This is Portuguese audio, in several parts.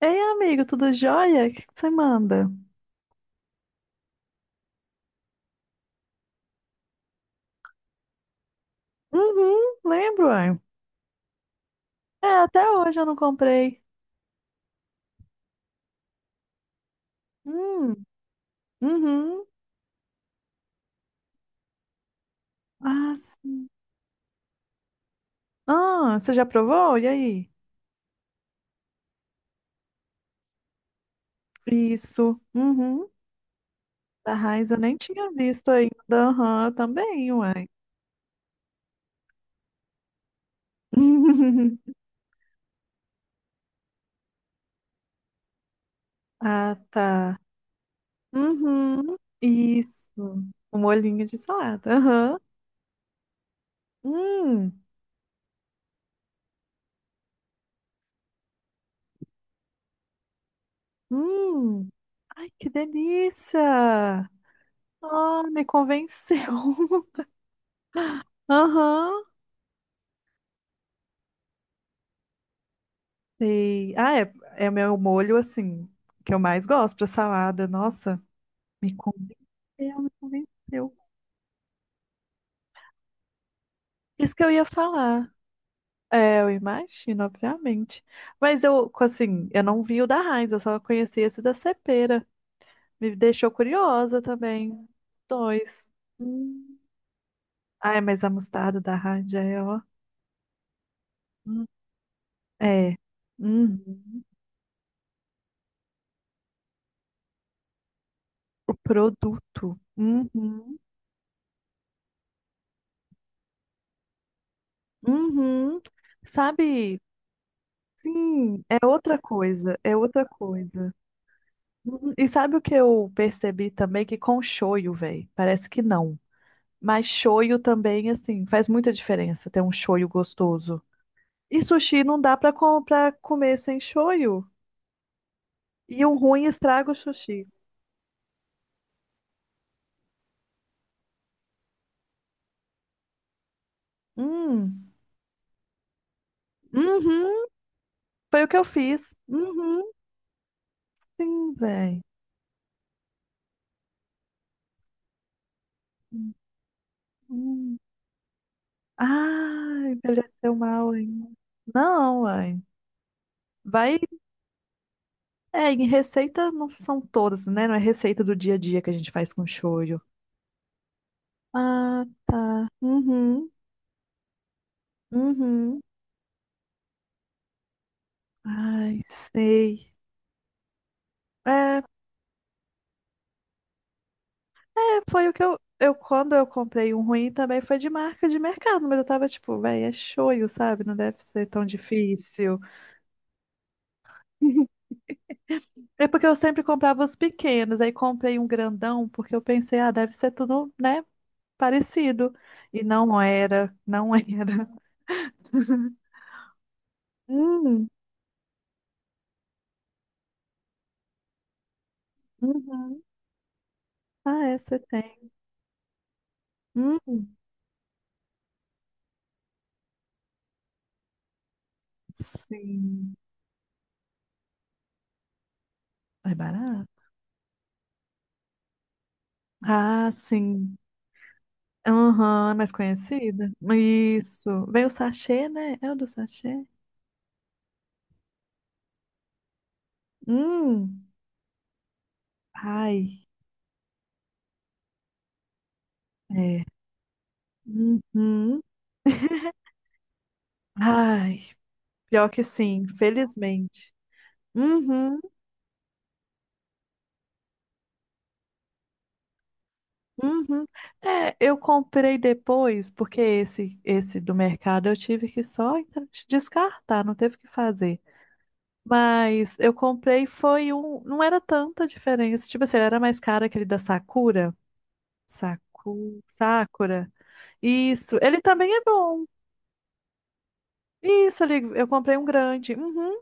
Ei, amigo, tudo jóia? O que que você manda? Uhum, lembro, uai. É, até hoje eu não comprei. Hum, uhum. Ah, sim. Ah, você já provou? E aí? Isso. Uhum. Da Heinz eu nem tinha visto ainda. Aham, também, uai. Ah, tá. Uhum. Isso. Um molhinho de salada. Aham. Hum. Hum. Ai, que delícia! Ah, me convenceu. Aham, sei. Ah, é, é o meu molho, assim, que eu mais gosto pra salada. Nossa, me convenceu, me convenceu. Isso que eu ia falar. É, eu imagino, obviamente. Mas eu, assim, eu não vi o da Heinz, eu só conheci esse da Cepera. Me deixou curiosa também. Dois. Hum. Ai, mas a mostarda da Heinz já é, ó. Hum. É. Uhum. O produto. Uhum. Uhum. Sabe. Sim, é outra coisa, é outra coisa. Uhum. E sabe o que eu percebi também? Que com shoyu, velho, parece que não. Mas shoyu também, assim, faz muita diferença ter um shoyu gostoso. E sushi não dá pra, pra comer sem shoyu. E o ruim estraga o sushi. Hum, uhum, foi o que eu fiz. Uhum, sim, velho. Hum. Ai, envelheceu mal, hein? Não, uai. Vai. É, em receita não são todas, né? Não é receita do dia a dia que a gente faz com shoyu. Ah, tá. Uhum, uhum. Ai, sei. É, é, foi o que eu... Quando eu comprei um ruim também foi de marca de mercado, mas eu tava tipo, véi, é shoyu, sabe? Não deve ser tão difícil. É porque eu sempre comprava os pequenos, aí comprei um grandão porque eu pensei, ah, deve ser tudo, né, parecido. E não era, não era. Hum, uhum. Ah, é, você tem. Hum, sim. É barato? Ah, sim. Aham, é mais conhecida. Isso. Vem o sachê, né? É o do sachê? Hum. Ai, é. Uhum. Ai, pior que sim, felizmente. Uhum, uhum. É, eu comprei depois, porque esse do mercado eu tive que só então descartar, não teve o que fazer. Mas eu comprei foi um. Não era tanta diferença. Tipo assim, ele era mais caro aquele da Sakura. Sakura. Isso. Ele também é bom. Isso, eu comprei um grande. Uhum.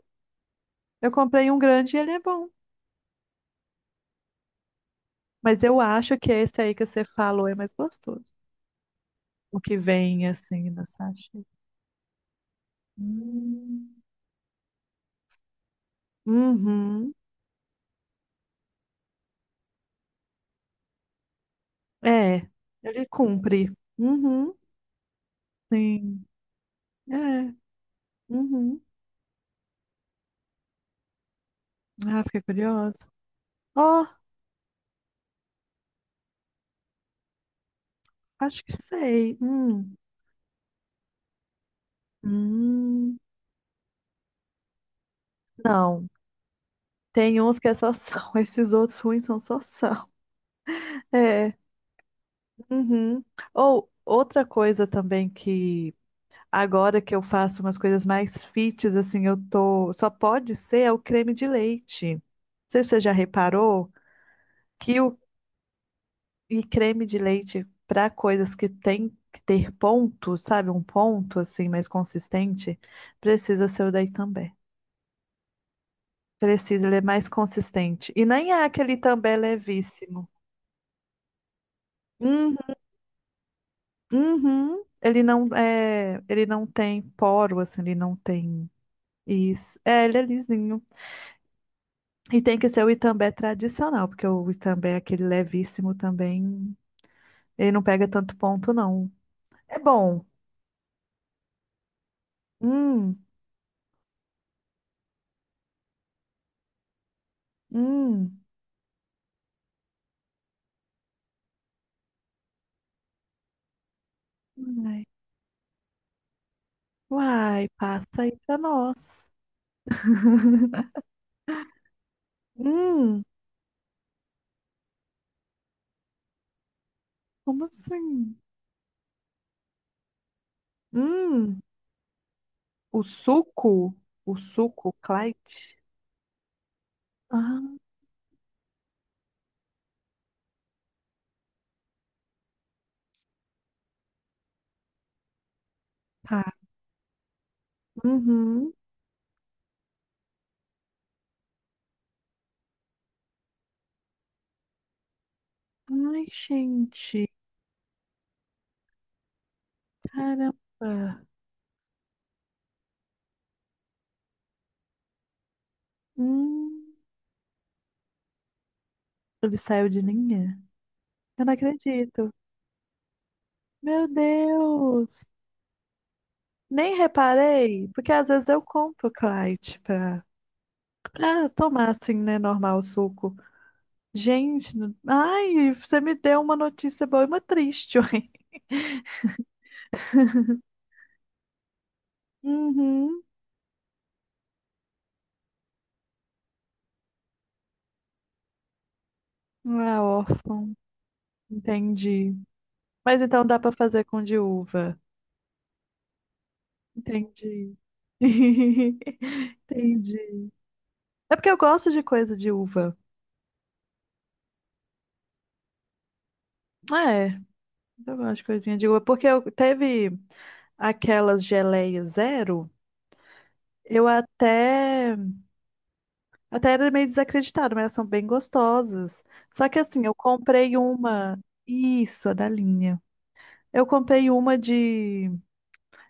Eu comprei um grande e ele é bom. Mas eu acho que esse aí que você falou é mais gostoso. O que vem assim na sachê. Hum. Uhum. É. Ele cumpre. Uhum. Sim. É. Uhum. Ah, fiquei curiosa. Ó, acho que sei. Hum. Hum, não. Tem uns que é só sal, esses outros ruins são só sal. É. Uhum. Ou outra coisa também que agora que eu faço umas coisas mais fits, assim, eu tô. Só pode ser é o creme de leite. Não sei se você já reparou que o e creme de leite para coisas que tem que ter ponto, sabe? Um ponto assim mais consistente, precisa ser o daí também. Precisa, ele é mais consistente. E nem é aquele também levíssimo. Uhum, uhum. Ele não tem poro, assim, ele não tem isso. É, ele é lisinho. E tem que ser o Itambé tradicional, porque o Itambé é aquele levíssimo também, ele não pega tanto ponto, não. É bom. Hum, hum. Ai. Uai, passa aí pra nós. Hum, como assim? Hum, o suco, o suco, Clyde. Ah, tá. Uhum. Ai, gente. Caramba. Hum, ele saiu de linha? Eu não acredito. Meu Deus. Nem reparei, porque às vezes eu compro Clyde pra tomar assim, né, normal o suco. Gente, ai, você me deu uma notícia boa e uma triste, ué. Uhum. Ah, órfão. Entendi. Mas então dá pra fazer com de uva. Entendi. Entendi. É porque eu gosto de coisa de uva. É, eu gosto de coisinha de uva. Porque eu teve aquelas geleias zero, eu até era meio desacreditada, mas elas são bem gostosas. Só que assim, eu comprei uma. Isso, a da linha. Eu comprei uma de,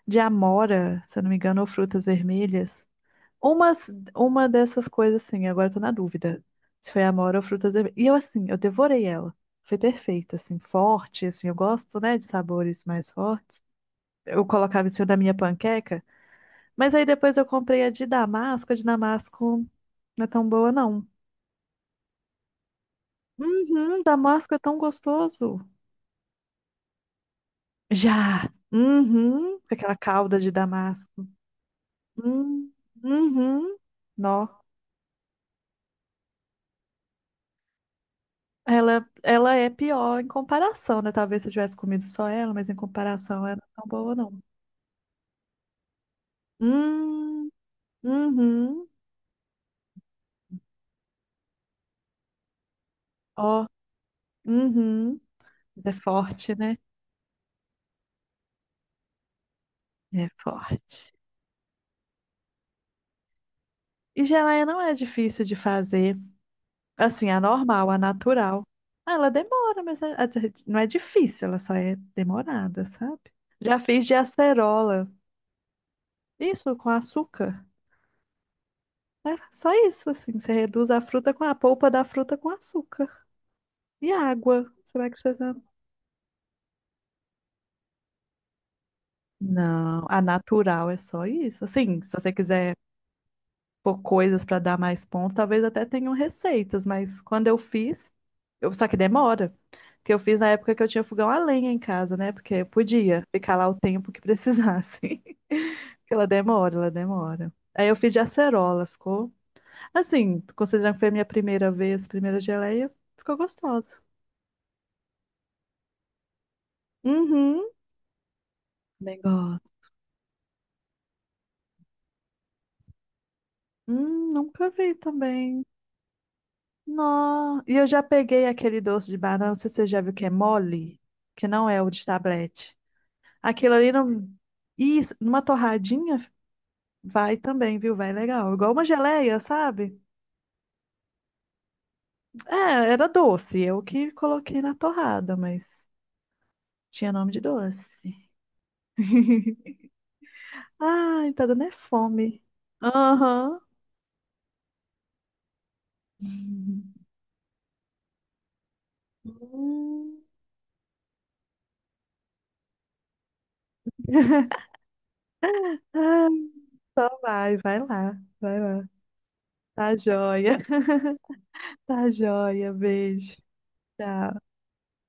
de amora, se eu não me engano, ou frutas vermelhas. Umas, uma dessas coisas, assim, agora eu tô na dúvida. Se foi amora ou frutas vermelhas. E eu, assim, eu devorei ela. Foi perfeita, assim, forte, assim, eu gosto, né, de sabores mais fortes. Eu colocava em cima da minha panqueca, mas aí depois eu comprei a de damasco. A de damasco não é tão boa, não. Uhum, damasco é tão gostoso. Já. Uhum, com aquela calda de damasco. Hum. Uhum. Nó. Ela é pior em comparação, né? Talvez se eu tivesse comido só ela, mas em comparação ela não é tão boa, não. Hum, uhum, ó, uhum. É forte, né? É forte. E geleia não é difícil de fazer. Assim, a normal, a natural. Ah, ela demora, mas não é difícil, ela só é demorada, sabe? Já fiz de acerola. Isso, com açúcar. É só isso, assim. Você reduz a fruta com a polpa da fruta com açúcar. E água. Você vai acrescentando. Não, a natural é só isso. Assim, se você quiser pôr coisas para dar mais ponto, talvez até tenham receitas, mas quando eu fiz, só que demora. Que eu fiz na época que eu tinha fogão a lenha em casa, né? Porque eu podia ficar lá o tempo que precisasse. Porque ela demora, ela demora. Aí eu fiz de acerola, ficou assim, considerando que foi a minha primeira vez, primeira geleia, ficou gostoso. Uhum, bem gosto. Nunca vi também. Não. E eu já peguei aquele doce de banana, não sei se você já viu que é mole, que não é o de tablete. Aquilo ali não. Isso, numa torradinha vai também, viu? Vai legal. Igual uma geleia, sabe? É, era doce. Eu que coloquei na torrada, mas tinha nome de doce. Ai, tá dando é fome. Aham. Hum. Ah, então vai, vai lá, vai lá. Tá joia. Tá joia, beijo. Tchau.